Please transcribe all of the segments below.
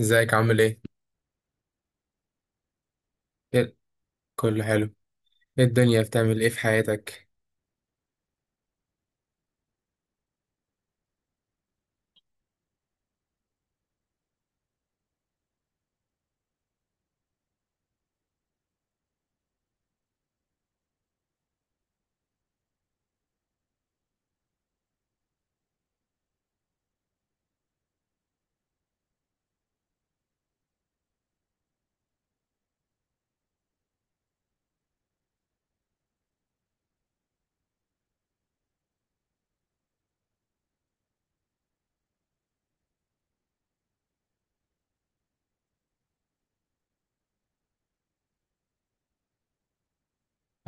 ازيك عامل ايه؟ إيه- كله حلو. ايه الدنيا بتعمل ايه في حياتك؟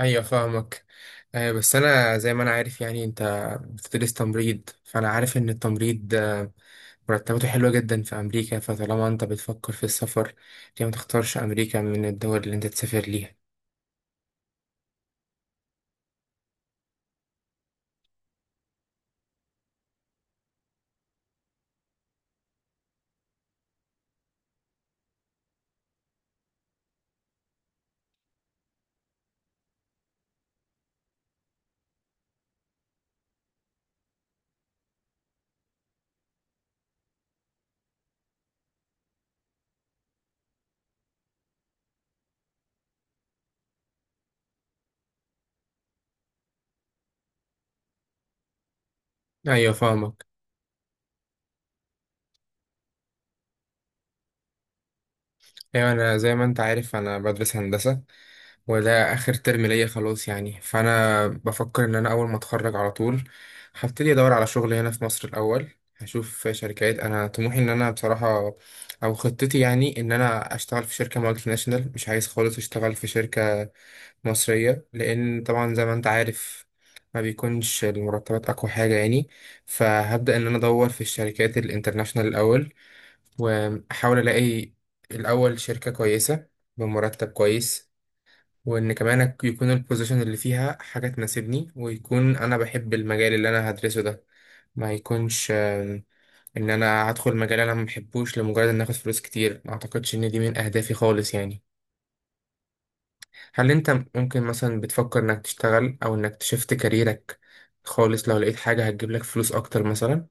ايوه فاهمك. بس انا زي ما انا عارف، يعني انت بتدرس تمريض، فانا عارف ان التمريض مرتباته حلوة جدا في امريكا، فطالما انت بتفكر في السفر، ليه ما تختارش امريكا من الدول اللي انت تسافر ليها؟ ايوه فاهمك. ايوه، انا زي ما انت عارف، انا بدرس هندسة، وده اخر ترم ليا خلاص، يعني فانا بفكر ان انا اول ما اتخرج على طول هبتدي ادور على شغل هنا في مصر الاول. هشوف شركات. انا طموحي ان انا، بصراحه، او خطتي يعني ان انا اشتغل في شركه مالتي ناشونال. مش عايز خالص اشتغل في شركه مصريه، لان طبعا زي ما انت عارف ما بيكونش المرتبات اقوى حاجه يعني. فهبدا ان انا ادور في الشركات الانترناشونال الاول، واحاول الاقي الاول شركه كويسه بمرتب كويس، وان كمان يكون البوزيشن اللي فيها حاجه تناسبني، ويكون انا بحب المجال اللي انا هدرسه ده. ما يكونش ان انا هدخل مجال انا ما بحبوش لمجرد ان اخد فلوس كتير. ما اعتقدش ان دي من اهدافي خالص يعني. هل انت ممكن مثلا بتفكر انك تشتغل او انك تشفت كاريرك خالص لو لقيت حاجه هتجيب لك فلوس اكتر مثلا؟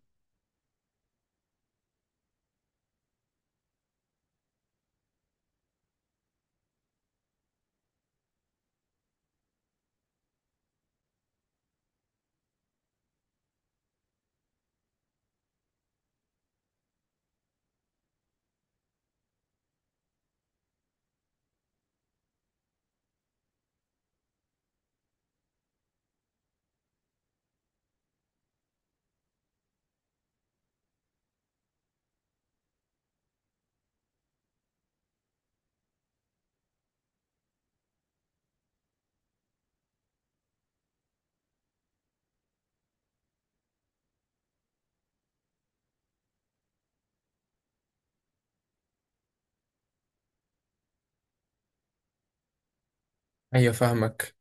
ايوه فاهمك.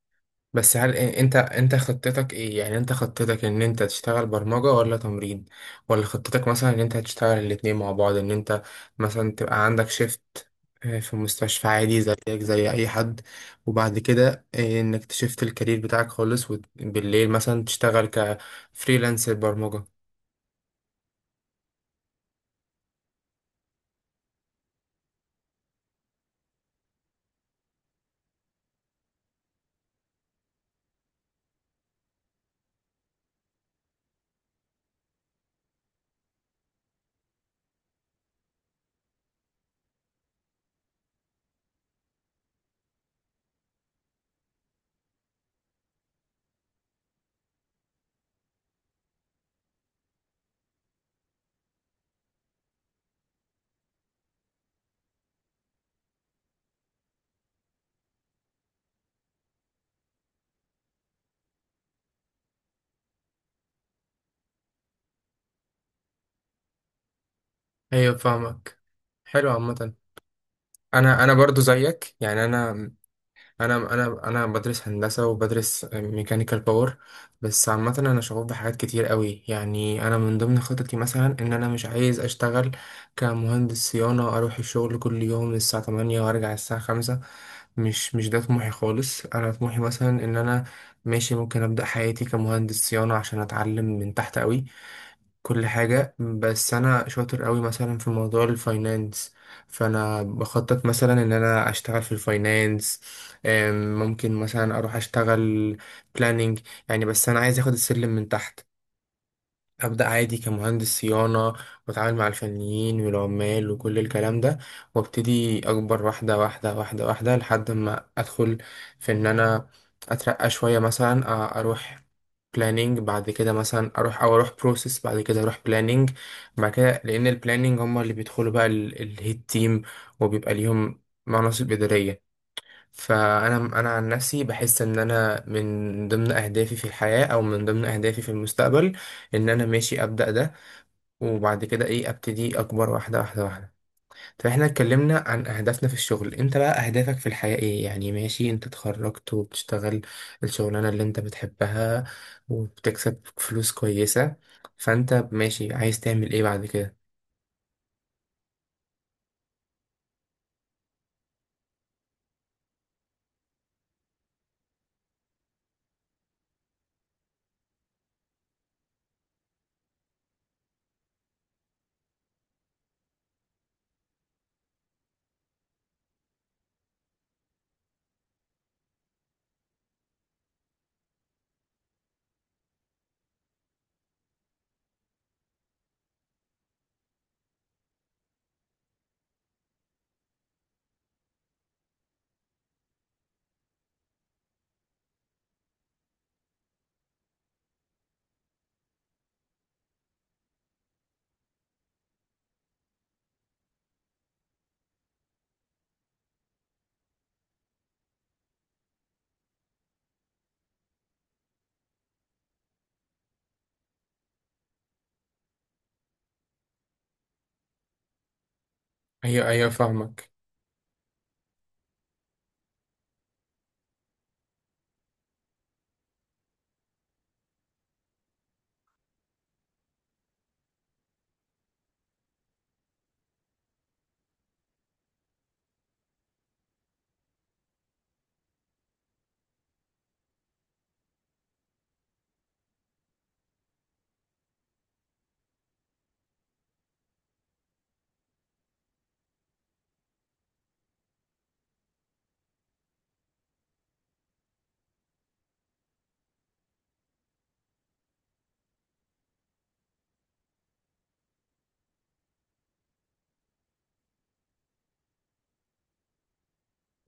بس هل انت خطتك ايه؟ يعني انت خطتك ان انت تشتغل برمجة ولا تمريض؟ ولا خطتك مثلا ان انت هتشتغل الاتنين مع بعض، ان انت مثلا تبقى عندك شيفت في مستشفى عادي زيك زي اي حد، وبعد كده انك تشفت الكارير بتاعك خالص، وبالليل مثلا تشتغل كفريلانسر برمجة؟ ايوه فاهمك. حلو عامة. انا برضو زيك، يعني انا بدرس هندسه وبدرس ميكانيكال باور. بس عامه انا شغوف بحاجات كتير قوي. يعني انا من ضمن خططي مثلا ان انا مش عايز اشتغل كمهندس صيانه اروح الشغل كل يوم الساعه 8 وارجع الساعه 5. مش ده طموحي خالص. انا طموحي مثلا ان انا ماشي ممكن ابدا حياتي كمهندس صيانه عشان اتعلم من تحت قوي كل حاجة. بس أنا شاطر قوي مثلا في موضوع الفاينانس، فأنا بخطط مثلا إن أنا أشتغل في الفاينانس. ممكن مثلا أروح أشتغل بلاننج يعني. بس أنا عايز أخد السلم من تحت، أبدأ عادي كمهندس صيانة، وأتعامل مع الفنيين والعمال وكل الكلام ده، وأبتدي أكبر واحدة واحدة واحدة واحدة لحد ما أدخل في إن أنا أترقى شوية. مثلا أروح بلانينج بعد كده، مثلا أروح، أو أروح بروسيس بعد كده أروح بلانينج بعد كده، لأن البلانينج هما اللي بيدخلوا بقى الهيد تيم، وبيبقى ليهم مناصب إدارية. فانا انا عن نفسي بحس ان انا من ضمن اهدافي في الحياه، او من ضمن اهدافي في المستقبل، ان انا ماشي ابدا ده وبعد كده ايه ابتدي اكبر واحده واحده واحده. طب احنا اتكلمنا عن اهدافنا في الشغل، انت بقى اهدافك في الحياه ايه يعني؟ ماشي، انت اتخرجت وبتشتغل الشغلانه اللي انت بتحبها وبتكسب فلوس كويسه، فانت ماشي عايز تعمل ايه بعد كده؟ ايوه ايوه فاهمك.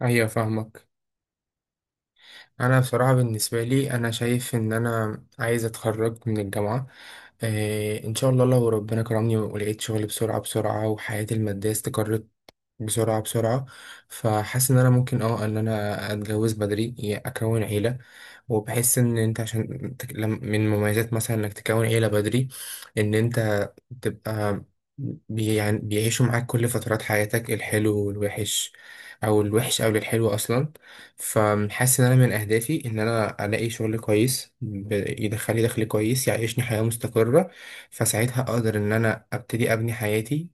ايوه فاهمك. انا بصراحه بالنسبه لي انا شايف ان انا عايز اتخرج من الجامعه، آه ان شاء الله، لو ربنا كرمني ولقيت شغل بسرعه بسرعه وحياتي الماديه استقرت بسرعة بسرعة، فحاسس إن أنا ممكن إن أنا أتجوز بدري، يعني أكون عيلة. وبحس إن أنت عشان من مميزات مثلا إنك تكون عيلة بدري، إن أنت تبقى يعني بيعيشوا معاك كل فترات حياتك، الحلو والوحش، أو الوحش أو الحلو أصلا. فحاسس إن أنا من أهدافي إن أنا ألاقي شغل كويس يدخلي دخل كويس يعيشني حياة مستقرة، فساعتها أقدر إن أنا أبتدي أبني حياتي.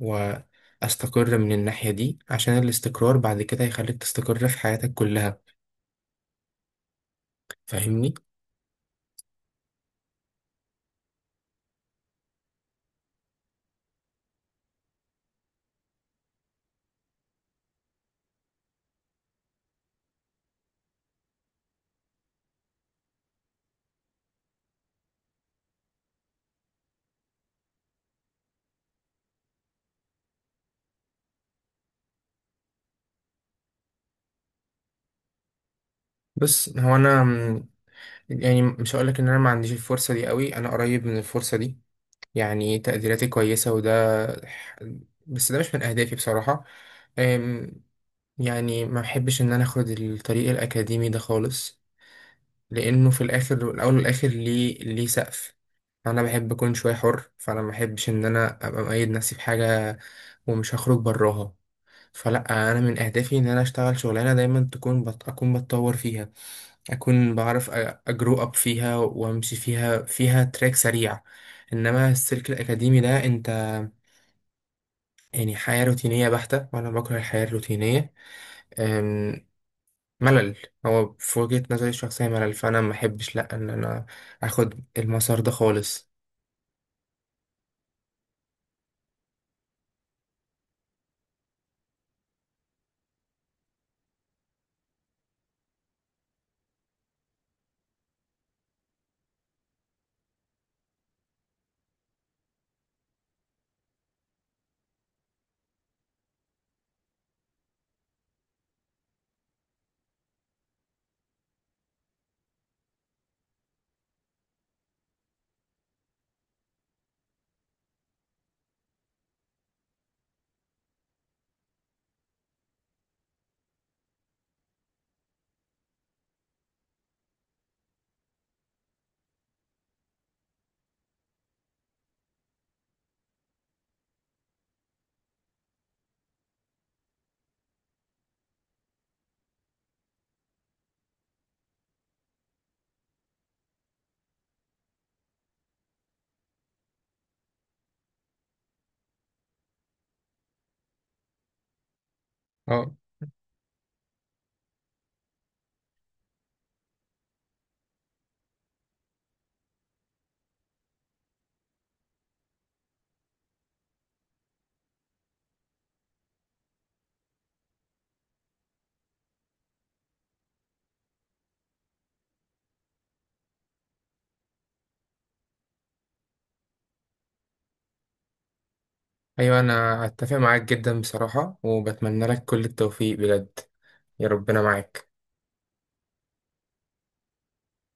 استقر من الناحية دي، عشان الاستقرار بعد كده هيخليك تستقر في حياتك كلها. فاهمني. بس هو انا يعني مش هقولك ان انا ما عنديش الفرصة دي قوي، انا قريب من الفرصة دي، يعني تقديراتي كويسة وده. ح- بس ده مش من اهدافي بصراحة. أم، يعني ما بحبش ان انا اخد الطريق الاكاديمي ده خالص، لانه في الاخر والاول والاخر ليه سقف. انا بحب اكون شوية حر، فانا ما بحبش ان انا ابقى مقيد نفسي في حاجة ومش هخرج براها. فلا، انا من اهدافي ان انا اشتغل شغلانه دايما تكون اكون بتطور فيها، اكون بعرف اجرو اب فيها وامشي فيها، فيها تراك سريع. انما السلك الاكاديمي ده انت، يعني حياه روتينيه بحته، وانا بكره الحياه الروتينيه. أم، ملل. هو في وجهه نظري الشخصيه ملل، فانا ما احبش لا ان انا اخد المسار ده خالص. اه. ايوه، انا اتفق معاك جدا بصراحه، وبتمنى لك كل التوفيق بجد، يا ربنا معاك.